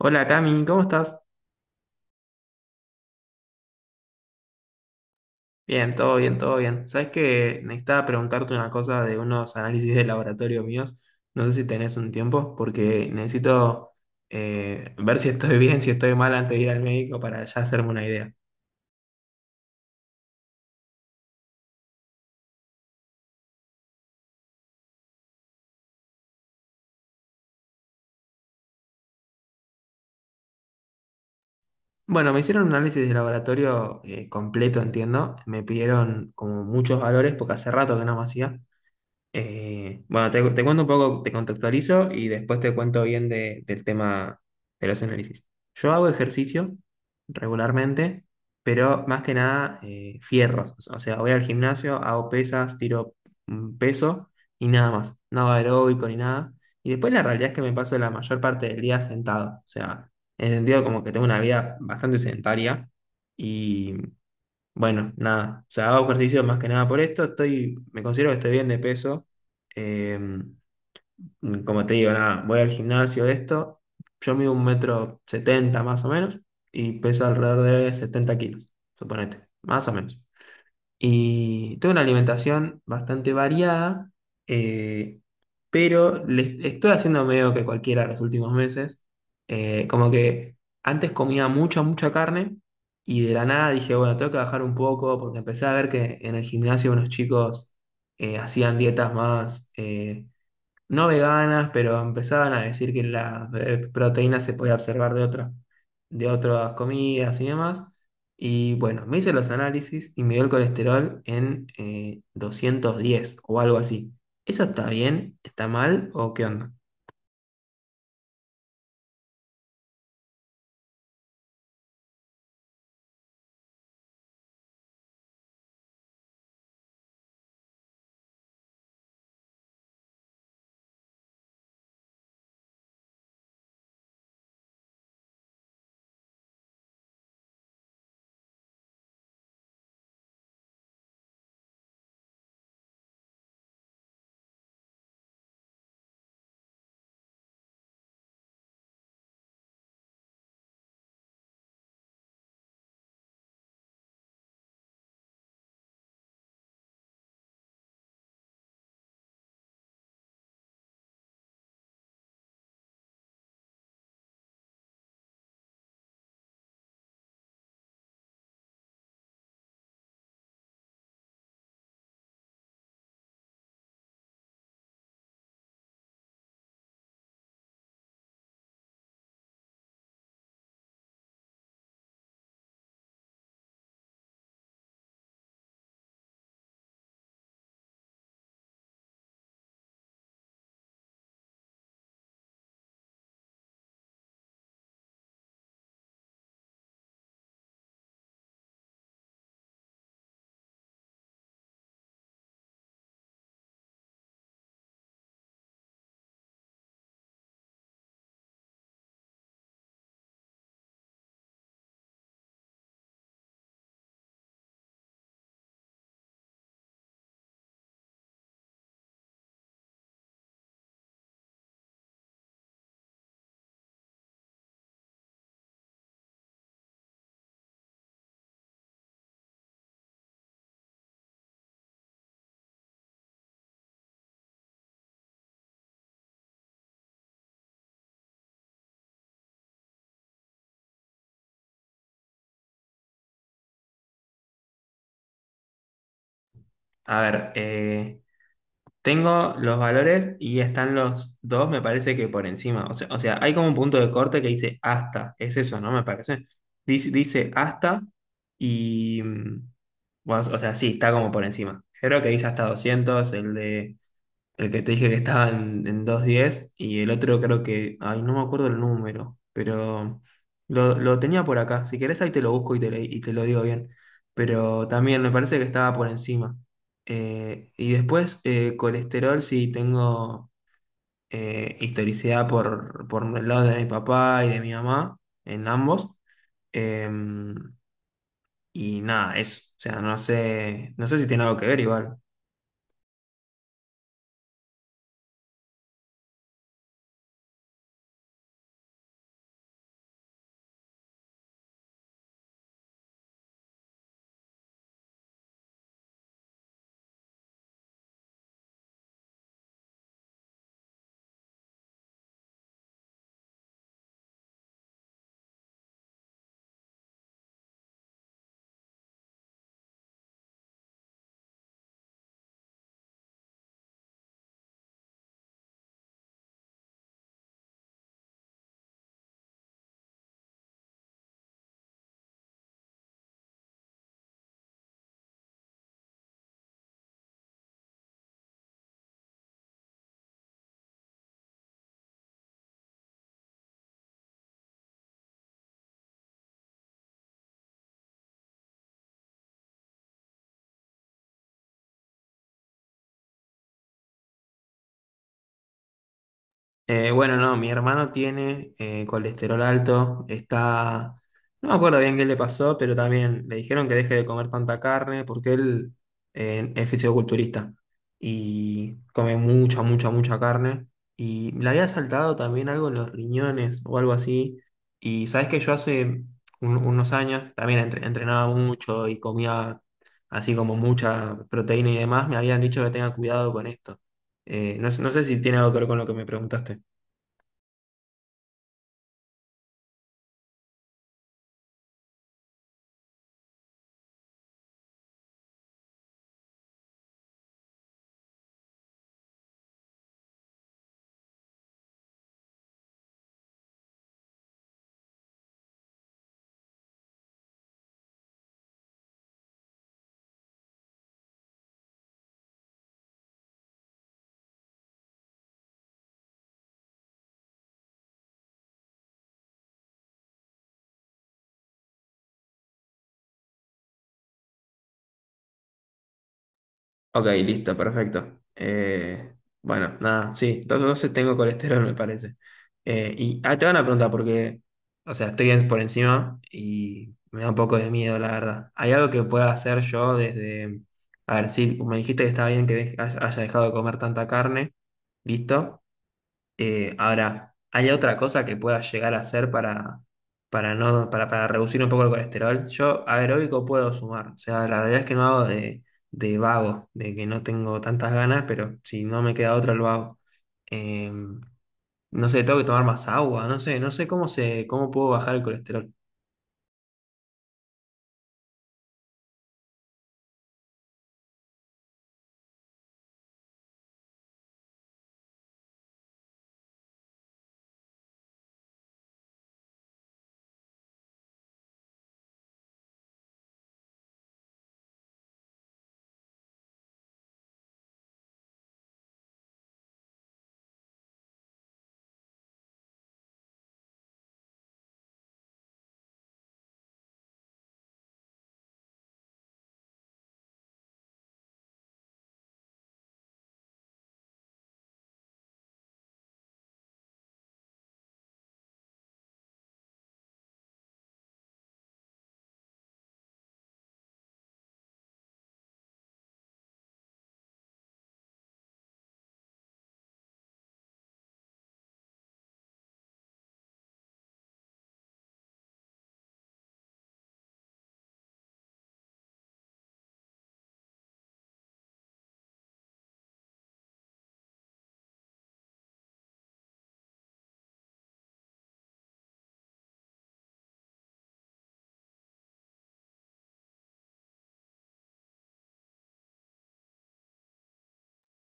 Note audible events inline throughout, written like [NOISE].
Hola Cami, ¿cómo estás? Bien, todo bien, todo bien. Sabes que necesitaba preguntarte una cosa de unos análisis de laboratorio míos. No sé si tenés un tiempo, porque necesito ver si estoy [LAUGHS] bien, si estoy mal antes de ir al médico para ya hacerme una idea. Bueno, me hicieron un análisis de laboratorio completo, entiendo. Me pidieron como muchos valores, porque hace rato que no me hacía. Bueno, te cuento un poco, te contextualizo y después te cuento bien del tema de los análisis. Yo hago ejercicio regularmente, pero más que nada fierros. O sea, voy al gimnasio, hago pesas, tiro peso y nada más. No hago aeróbico ni nada. Y después la realidad es que me paso la mayor parte del día sentado. O sea, en el sentido como que tengo una vida bastante sedentaria, bueno, nada, o sea, hago ejercicio más que nada por esto, estoy, me considero que estoy bien de peso. Eh, Como te digo, nada, voy al gimnasio, esto, yo mido un metro 70 más o menos y peso alrededor de 70 kilos, suponete, más o menos. Y tengo una alimentación bastante variada, eh, pero le estoy haciendo medio que cualquiera los últimos meses. Como que antes comía mucha, mucha carne y de la nada dije, bueno, tengo que bajar un poco porque empecé a ver que en el gimnasio unos chicos hacían dietas más... no veganas, pero empezaban a decir que la proteínas se podía observar de otras comidas y demás. Y bueno, me hice los análisis y me dio el colesterol en 210 o algo así. ¿Eso está bien? ¿Está mal? ¿O qué onda? A ver, tengo los valores y están los dos, me parece que por encima. O sea, hay como un punto de corte que dice hasta. Es eso, ¿no? Me parece. Dice hasta y... bueno, o sea, sí, está como por encima. Creo que dice hasta 200 el de el que te dije que estaba en 210 y el otro creo que, ay, no me acuerdo el número, pero lo tenía por acá. Si querés ahí te lo busco y te, y te lo digo bien. Pero también me parece que estaba por encima. Y después colesterol sí tengo, historicidad por el lado de mi papá y de mi mamá, en ambos. Em, y nada, eso. O sea, no sé, no sé si tiene algo que ver igual. Bueno, no, mi hermano tiene colesterol alto, está... No me acuerdo bien qué le pasó, pero también le dijeron que deje de comer tanta carne porque él es fisioculturista y come mucha, mucha, mucha carne. Y le había saltado también algo en los riñones o algo así. Y sabes que yo hace unos años también entrenaba mucho y comía así como mucha proteína y demás. Me habían dicho que tenga cuidado con esto. No, no sé si tiene algo que ver con lo que me preguntaste. Ok, listo, perfecto. Bueno, nada, sí, entonces tengo colesterol, me parece. Y ah, te van a preguntar porque, o sea, estoy por encima y me da un poco de miedo, la verdad. ¿Hay algo que pueda hacer yo desde... A ver, sí, me dijiste que está bien que haya dejado de comer tanta carne, listo. Ahora, ¿hay otra cosa que pueda llegar a hacer para, no, para reducir un poco el colesterol? Yo aeróbico puedo sumar, o sea, la realidad es que no hago de vago, de que no tengo tantas ganas, pero si no me queda otra lo hago. Eh, no sé, tengo que tomar más agua, no sé, no sé cómo se, cómo puedo bajar el colesterol.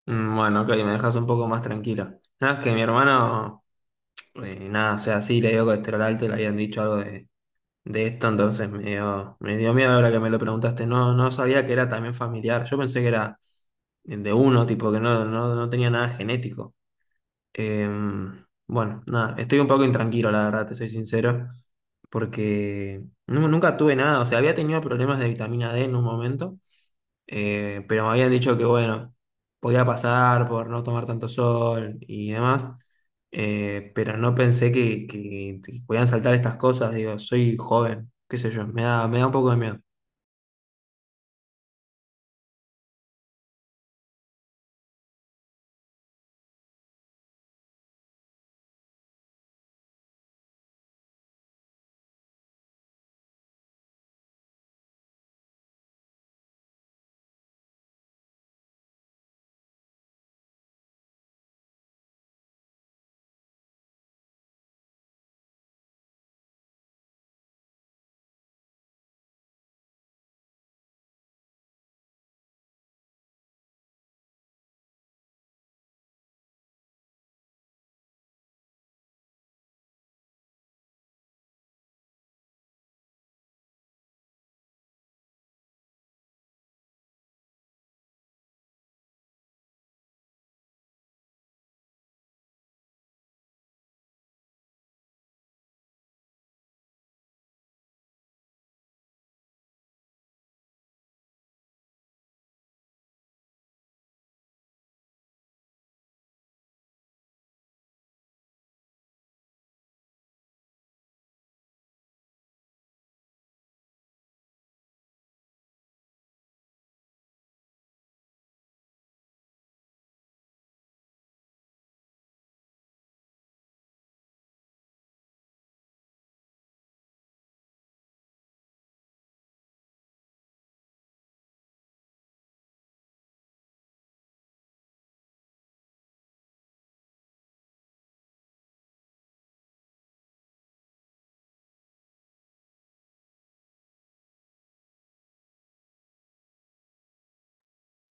Mm, bueno, ok, me dejas un poco más tranquilo. Nada, es que mi hermano, nada, o sea, sí le dio colesterol alto, le habían dicho algo de esto, entonces me dio miedo ahora que me lo preguntaste. No, no sabía que era también familiar. Yo pensé que era de uno, tipo, que no, no, no tenía nada genético. Eh, bueno, nada, estoy un poco intranquilo, la verdad, te soy sincero, porque nunca tuve nada. O sea, había tenido problemas de vitamina D en un momento. Pero me habían dicho que, bueno, podía pasar por no tomar tanto sol y demás. Pero no pensé que, que podían saltar estas cosas. Digo, soy joven, qué sé yo, me da un poco de miedo.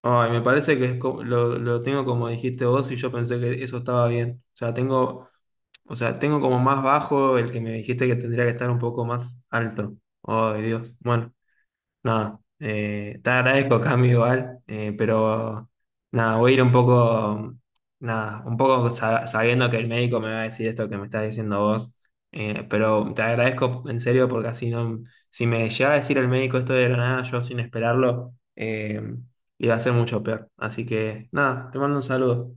Ay, me parece que es lo tengo como dijiste vos y yo pensé que eso estaba bien. O sea, tengo como más bajo el que me dijiste que tendría que estar un poco más alto. Ay, Dios. Bueno. No, te agradezco, [LAUGHS] Cami, igual, pero nada, voy a ir un poco, nada, un poco sabiendo que el médico me va a decir esto que me estás diciendo vos, pero te agradezco en serio porque así no, si me llega a decir el médico esto de la nada, yo sin esperarlo, iba a ser mucho peor. Así que nada, te mando un saludo.